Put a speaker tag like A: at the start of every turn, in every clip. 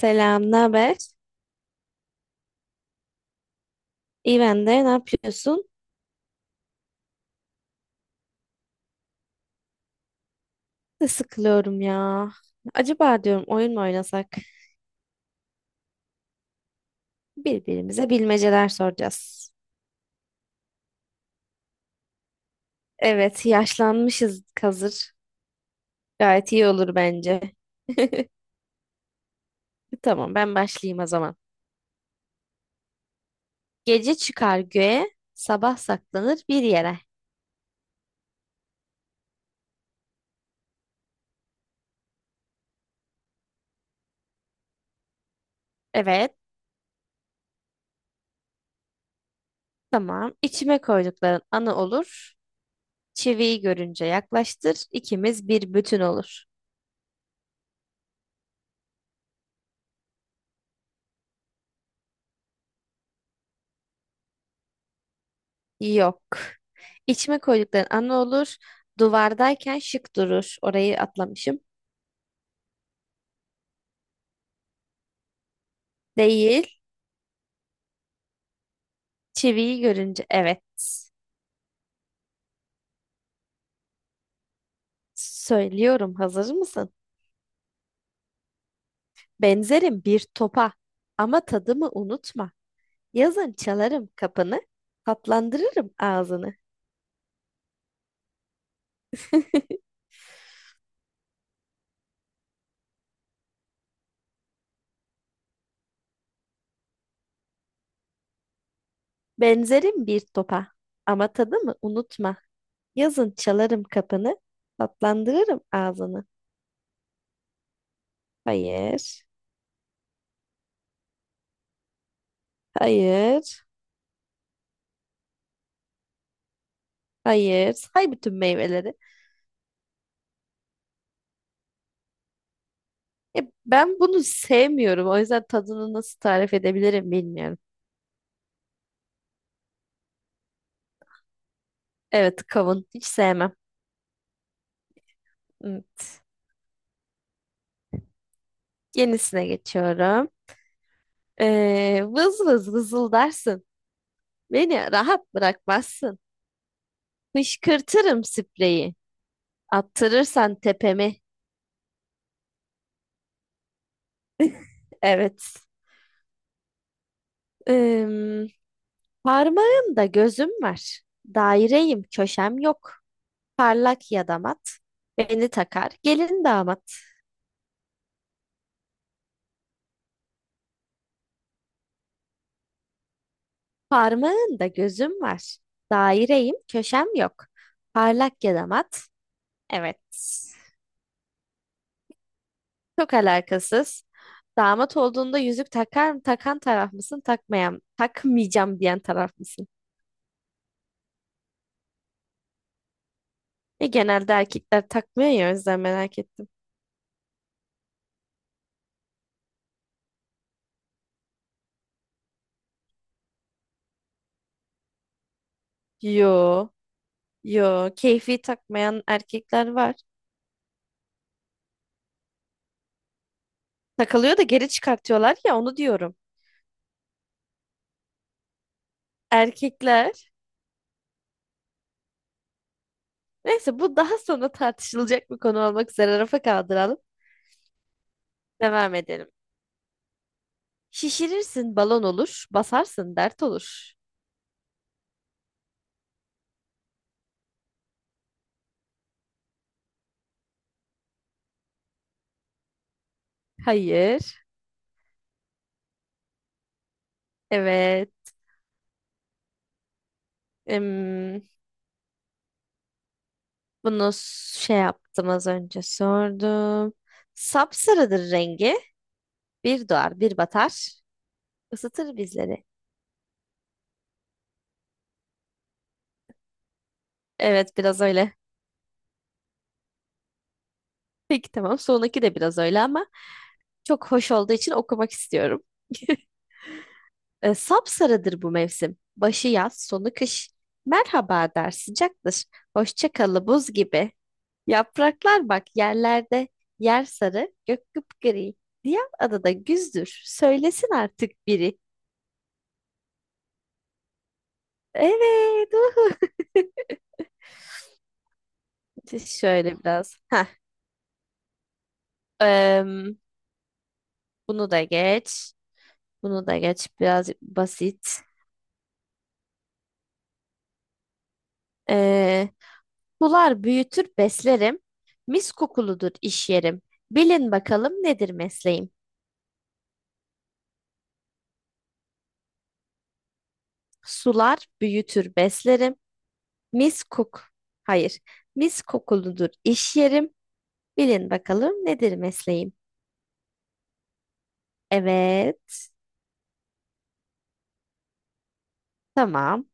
A: Selam, ne haber? İyi ben de. Ne yapıyorsun? Ne sıkılıyorum ya. Acaba diyorum oyun mu oynasak? Birbirimize bilmeceler soracağız. Evet, yaşlanmışız hazır. Gayet iyi olur bence. Tamam, ben başlayayım o zaman. Gece çıkar göğe, sabah saklanır bir yere. Evet, tamam. İçime koydukların anı olur. Çiviyi görünce yaklaştır, ikimiz bir bütün olur. Yok. İçme koydukların ana olur. Duvardayken şık durur. Orayı atlamışım. Değil. Çiviyi görünce evet. Söylüyorum. Hazır mısın? Benzerim bir topa. Ama tadımı unutma. Yazın çalarım kapını. Tatlandırırım ağzını. Benzerim bir topa. Ama tadımı unutma. Yazın çalarım kapını. Tatlandırırım ağzını. Hayır. Hayır. Hayır. Say bütün meyveleri. Ya ben bunu sevmiyorum. O yüzden tadını nasıl tarif edebilirim bilmiyorum. Evet, kavun. Hiç sevmem. Evet. Yenisine geçiyorum. Vız vız vızıldarsın. Beni rahat bırakmazsın. Fışkırtırım spreyi. Attırırsan tepemi. Evet. Ee, Parmağında gözüm var. Daireyim, köşem yok. Parlak ya da mat. Beni takar, gelin damat. Parmağında gözüm var. Daireyim, köşem yok. Parlak ya da mat. Evet. Çok alakasız. Damat olduğunda yüzük takar mı, takan taraf mısın, takmayan, takmayacağım diyen taraf mısın? E genelde erkekler takmıyor ya o yüzden merak ettim. Yo, yo. Keyfi takmayan erkekler var. Takılıyor da geri çıkartıyorlar ya onu diyorum. Erkekler. Neyse bu daha sonra tartışılacak bir konu olmak üzere rafa kaldıralım. Devam edelim. Şişirirsin balon olur, basarsın dert olur. Hayır. Evet. Em, bunu şey yaptım az önce sordum. Sapsarıdır rengi. Bir doğar, bir batar. Isıtır bizleri. Evet, biraz öyle. Peki tamam. Sonraki de biraz öyle ama çok hoş olduğu için okumak istiyorum. Sapsarıdır bu mevsim. Başı yaz, sonu kış. Merhaba der, sıcaktır. Hoşça kalı buz gibi. Yapraklar bak yerlerde yer sarı, gök kıpgri. Diğer adada güzdür. Söylesin artık biri. Evet. Uhu. Şöyle biraz. Heh. em, bunu da geç. Bunu da geç. Biraz basit. Ee, sular büyütür beslerim. Mis kokuludur iş yerim. Bilin bakalım nedir mesleğim? Sular büyütür beslerim. Mis kok. Hayır. Mis kokuludur iş yerim. Bilin bakalım nedir mesleğim? Evet. Tamam.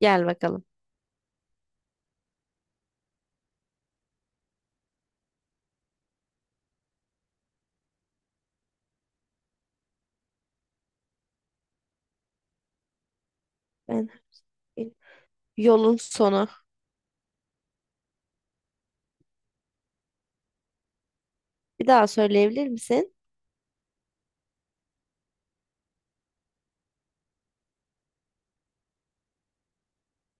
A: Gel bakalım. Ben yolun sonu. Bir daha söyleyebilir misin?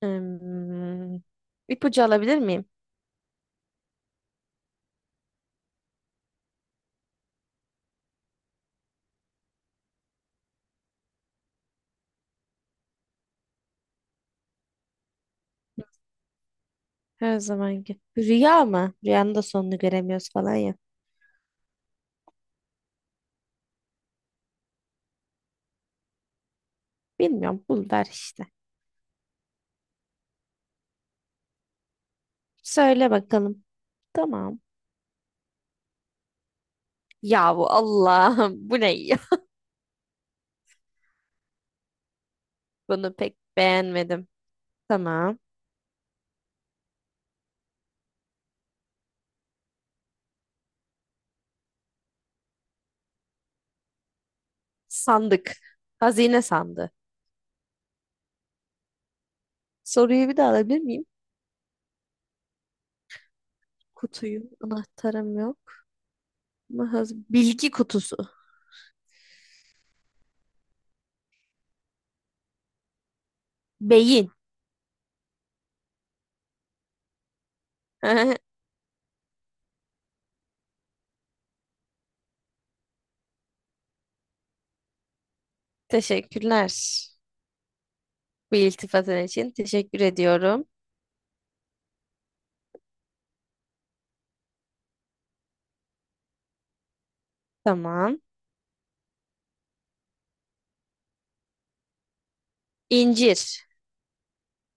A: Hmm, ipucu alabilir miyim? Her zamanki. Rüya mı? Rüyanın da sonunu göremiyoruz falan ya. Bilmiyorum. Bul ver işte. Söyle bakalım. Tamam. Yahu Allah'ım bu ne ya? Bunu pek beğenmedim. Tamam. Sandık. Hazine sandığı. Soruyu bir daha alabilir miyim? Kutuyu, anahtarım yok. Ama bilgi kutusu. Beyin. Teşekkürler. Bu iltifatın için teşekkür ediyorum. Tamam. İncir.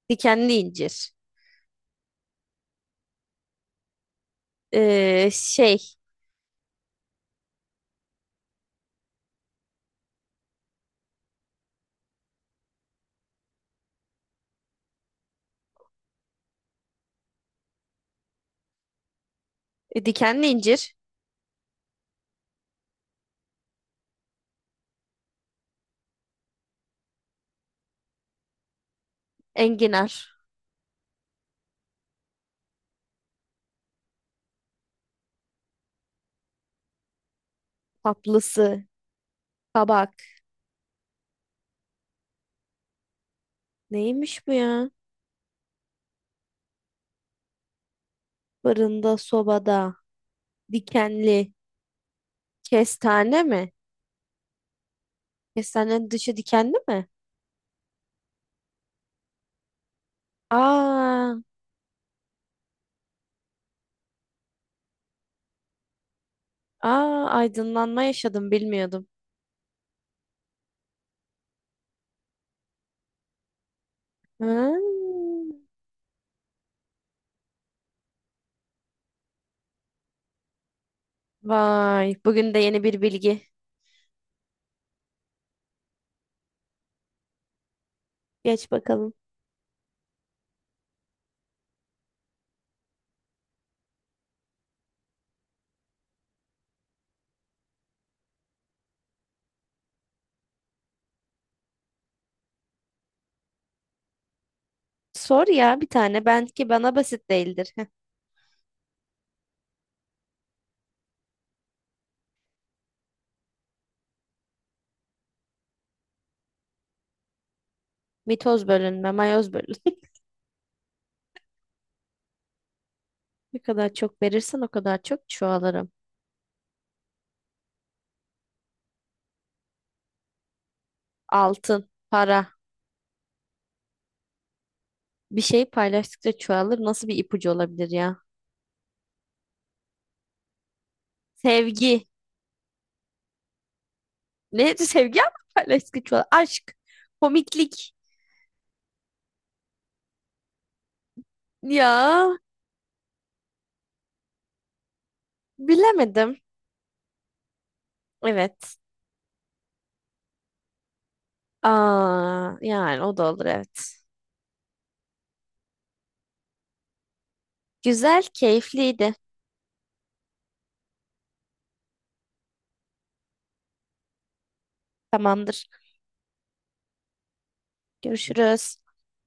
A: Dikenli incir. Ee, şey. Dikenli incir. Enginar. Tatlısı. Kabak. Neymiş bu ya? Fırında, sobada. Dikenli. Kestane mi? Kestanenin dışı dikenli mi? Aa, aa aydınlanma yaşadım bilmiyordum. Ha, vay. Bugün de yeni bir bilgi. Geç bakalım. Sor ya bir tane. Ben ki bana basit değildir. Heh. Mitoz bölünme, mayoz bölünme. Ne kadar çok verirsen o kadar çok çoğalırım. Altın, para. Bir şey paylaştıkça çoğalır. Nasıl bir ipucu olabilir ya? Sevgi. Ne? Sevgi ama paylaştıkça çoğalır. Aşk. Komiklik. Ya bilemedim. Evet. Aa, yani o da olur evet. Güzel, keyifliydi. Tamamdır. Görüşürüz.